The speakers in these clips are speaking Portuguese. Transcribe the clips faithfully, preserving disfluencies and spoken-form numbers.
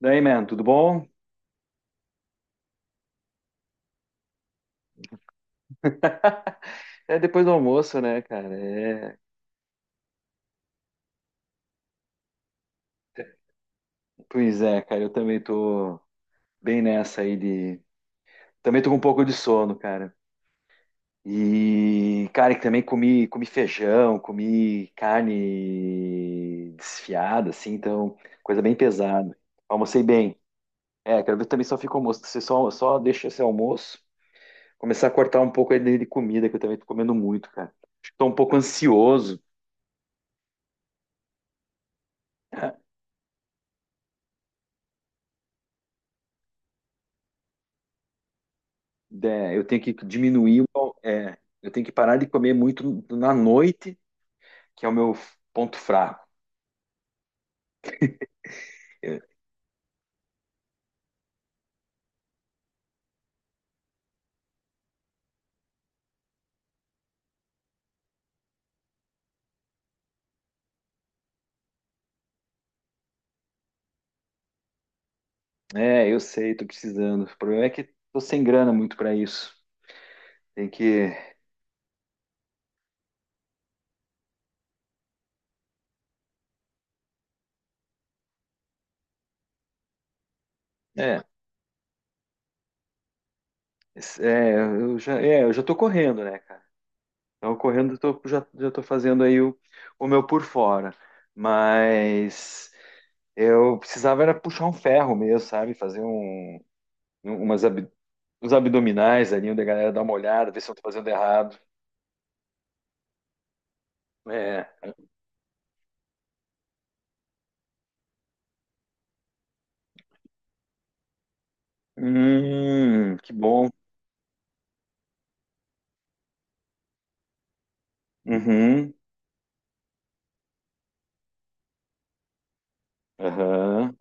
Daí, man, tudo bom? É depois do almoço, né, cara? É... Pois é, cara, eu também tô bem nessa aí de. Também tô com um pouco de sono, cara. E, cara, que também comi, comi feijão, comi carne desfiada, assim, então, coisa bem pesada. Almocei bem. É, quero ver também só fica o almoço. Você só, só deixa esse almoço, começar a cortar um pouco aí de de comida, que eu também tô comendo muito, cara. Acho que tô um pouco ansioso. É, eu tenho que diminuir, o- é, eu tenho que parar de comer muito na noite, que é o meu ponto fraco. Eu- É, eu sei, tô precisando. O problema é que tô sem grana muito para isso. Tem que, é, es- é, eu já, é, eu já tô correndo, né, cara? Então, correndo, eu tô, já, já tô fazendo aí o, o meu por fora. Mas eu precisava era puxar um ferro mesmo, sabe? Fazer um, um- umas, ab- uns abdominais ali, onde a galera dá uma olhada, ver se eu tô fazendo errado. É. Hum, que bom. Uhum, aham,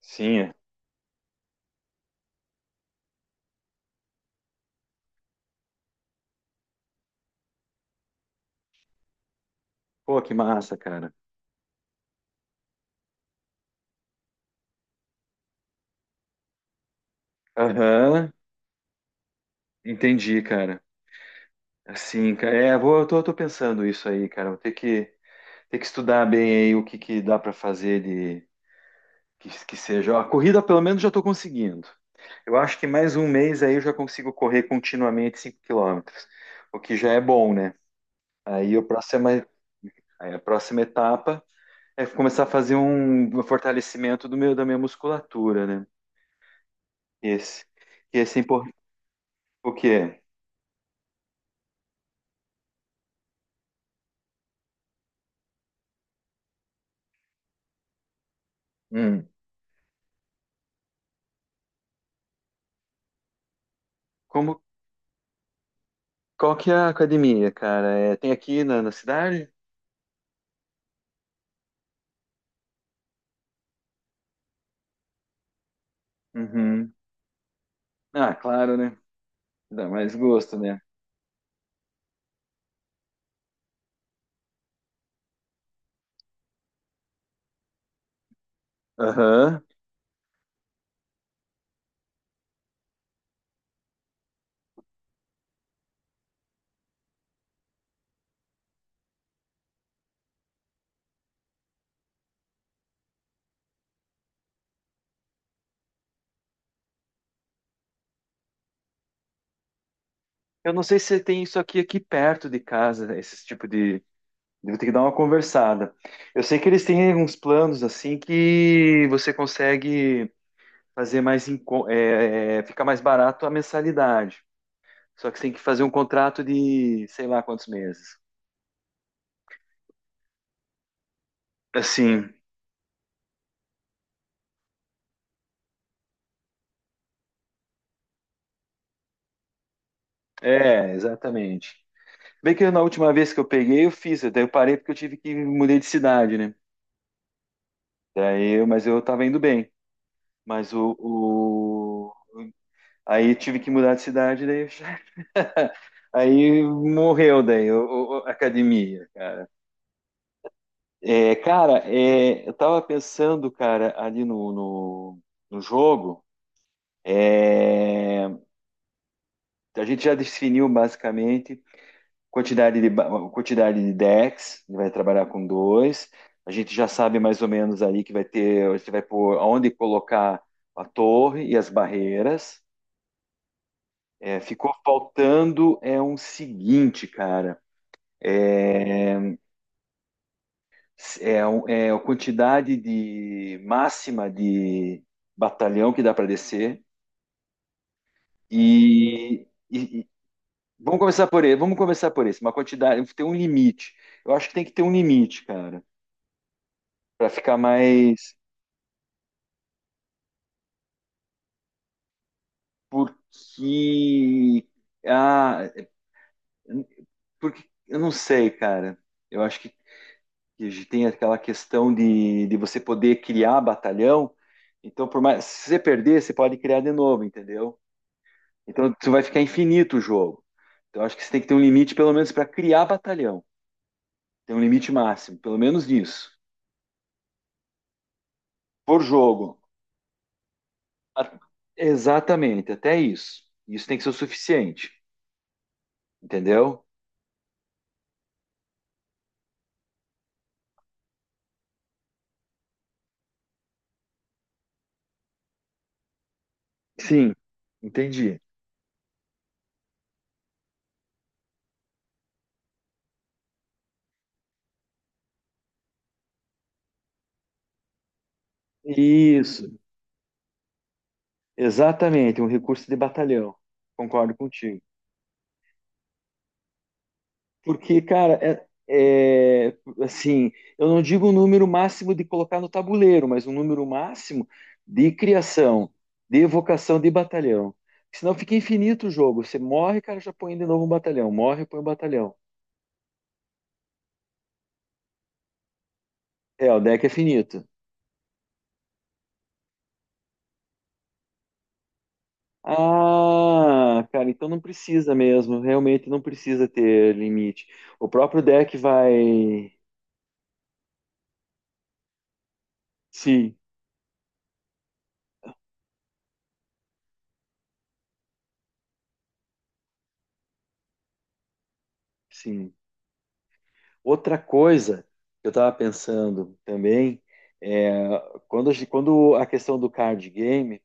sim. É. Pô, que massa, cara. Aham, entendi, cara. Assim, cara, é, vou, eu tô, tô pensando isso aí, cara. Vou ter que, ter que estudar bem aí o que que dá pra fazer de que, que seja. Ó, a corrida, pelo menos, já tô conseguindo. Eu acho que mais um mês aí eu já consigo correr continuamente cinco quilômetros, o que já é bom, né? Aí a próxima, aí a próxima etapa é começar a fazer um um fortalecimento do meu, da minha musculatura, né? Esse. E esse é importante. O quê? Hum. Como, qual que é a academia, cara? É, tem aqui na, na cidade? Uhum. Ah, claro, né? Dá mais gosto, né? Aham. Eu não sei se tem isso aqui, aqui perto de casa, esse tipo de. Vou ter que dar uma conversada. Eu sei que eles têm uns planos assim que você consegue fazer mais, enco- é, é, é, fica mais barato a mensalidade. Só que você tem que fazer um contrato de sei lá quantos meses. Assim, é, exatamente. Bem que eu, na última vez que eu peguei, eu fiz, daí eu parei porque eu tive que mudei de cidade, né? Daí, eu- mas eu tava indo bem. Mas o, o- aí tive que mudar de cidade, daí aí morreu daí o- o- a academia, cara. É, cara, é, eu tava pensando, cara, ali no, no, no jogo, é, a gente já definiu basicamente Quantidade de, ba- quantidade de decks, ele vai trabalhar com dois. A gente já sabe mais ou menos aí que vai ter, você vai pôr aonde colocar a torre e as barreiras. É, ficou faltando é um seguinte, cara. É, é, um- é a quantidade de máxima de batalhão que dá para descer. E, e- e- vamos começar por esse. Vamos começar por esse. Uma quantidade, tem um limite. Eu acho que tem que ter um limite, cara, para ficar mais. Porque. Ah, porque eu não sei, cara. Eu acho que a gente tem aquela questão de, de você poder criar batalhão. Então, por mais, se você perder, você pode criar de novo, entendeu? Então, você vai ficar infinito o jogo. Então, eu acho que você tem que ter um limite, pelo menos, para criar batalhão. Tem um limite máximo, pelo menos nisso. Por jogo. A- Exatamente, até isso. Isso tem que ser o suficiente, entendeu? Sim, entendi. Isso, exatamente, um recurso de batalhão. Concordo contigo. Porque, cara, é, é, assim, eu não digo o número máximo de colocar no tabuleiro, mas um número máximo de criação, de evocação de batalhão. Senão fica infinito o jogo. Você morre, cara, já põe de novo um batalhão. Morre, põe um batalhão. É, o deck é finito. Ah, cara, então não precisa mesmo. Realmente não precisa ter limite. O próprio deck vai. Sim, sim. Outra coisa que eu estava pensando também é quando, a gen- quando a questão do card game,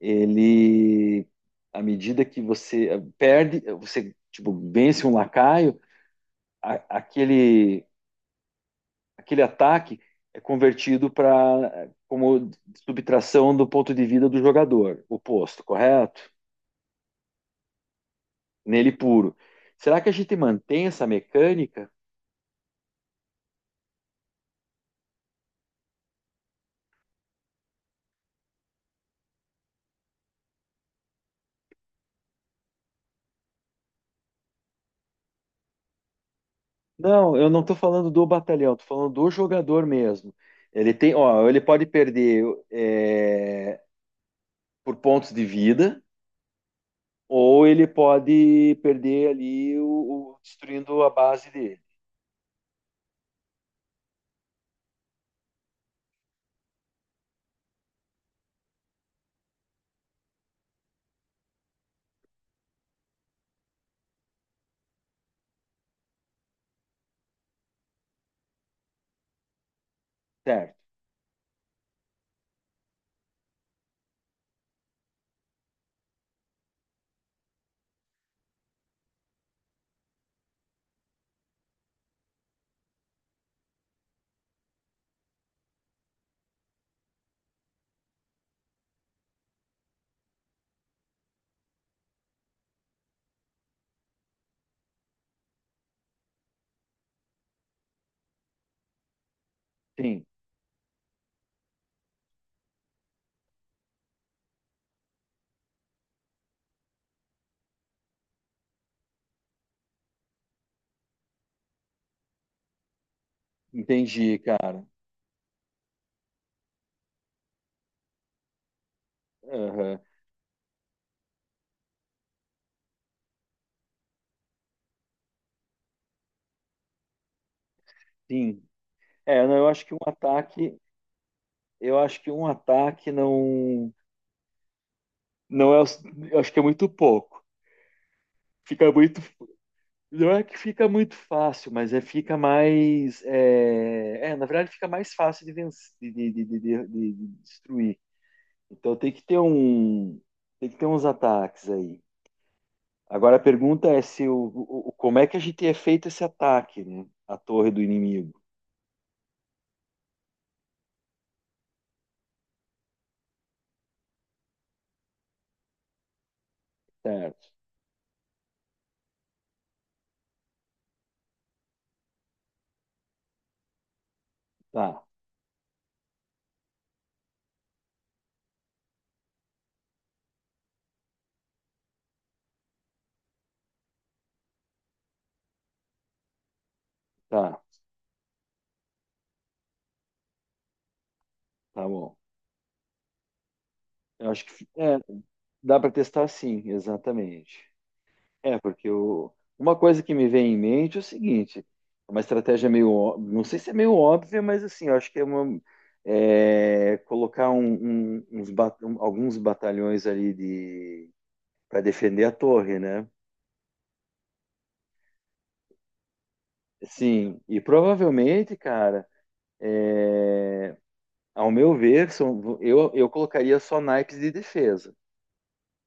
ele, à medida que você eh, perde, você tipo, vence um lacaio, a- aquele, aquele ataque é convertido para como subtração do ponto de vida do jogador, oposto, correto? Nele puro. Será que a gente mantém essa mecânica? Não, eu não estou falando do batalhão, estou falando do jogador mesmo. Ele tem, ó, ele pode perder é, por pontos de vida, ou ele pode perder ali o, o- destruindo a base dele. Certo, sim, entendi, cara. Aham, sim. É, não, eu acho que um ataque, eu acho que um ataque não, não é, o- eu acho que é muito pouco. Fica muito. Não é que fica muito fácil, mas é fica mais. É, é, na verdade, fica mais fácil de, vencer, de, de, de, de- de- de destruir. Então tem que ter um, tem que ter uns ataques aí. Agora a pergunta é se o, o- o- como é que a gente é feito esse ataque, né? A torre do inimigo. Certo. Tá, tá, tá bom. Eu acho que fi- é, dá para testar sim, exatamente. É, porque o- uma coisa que me vem em mente é o seguinte, é uma estratégia meio, ó- não sei se é meio óbvia, mas assim, eu acho que é uma, é, colocar um- um- uns ba- um- alguns batalhões ali de para defender a torre, né? Sim, e provavelmente, cara, é, ao meu ver, são- eu, eu colocaria só naipes de defesa.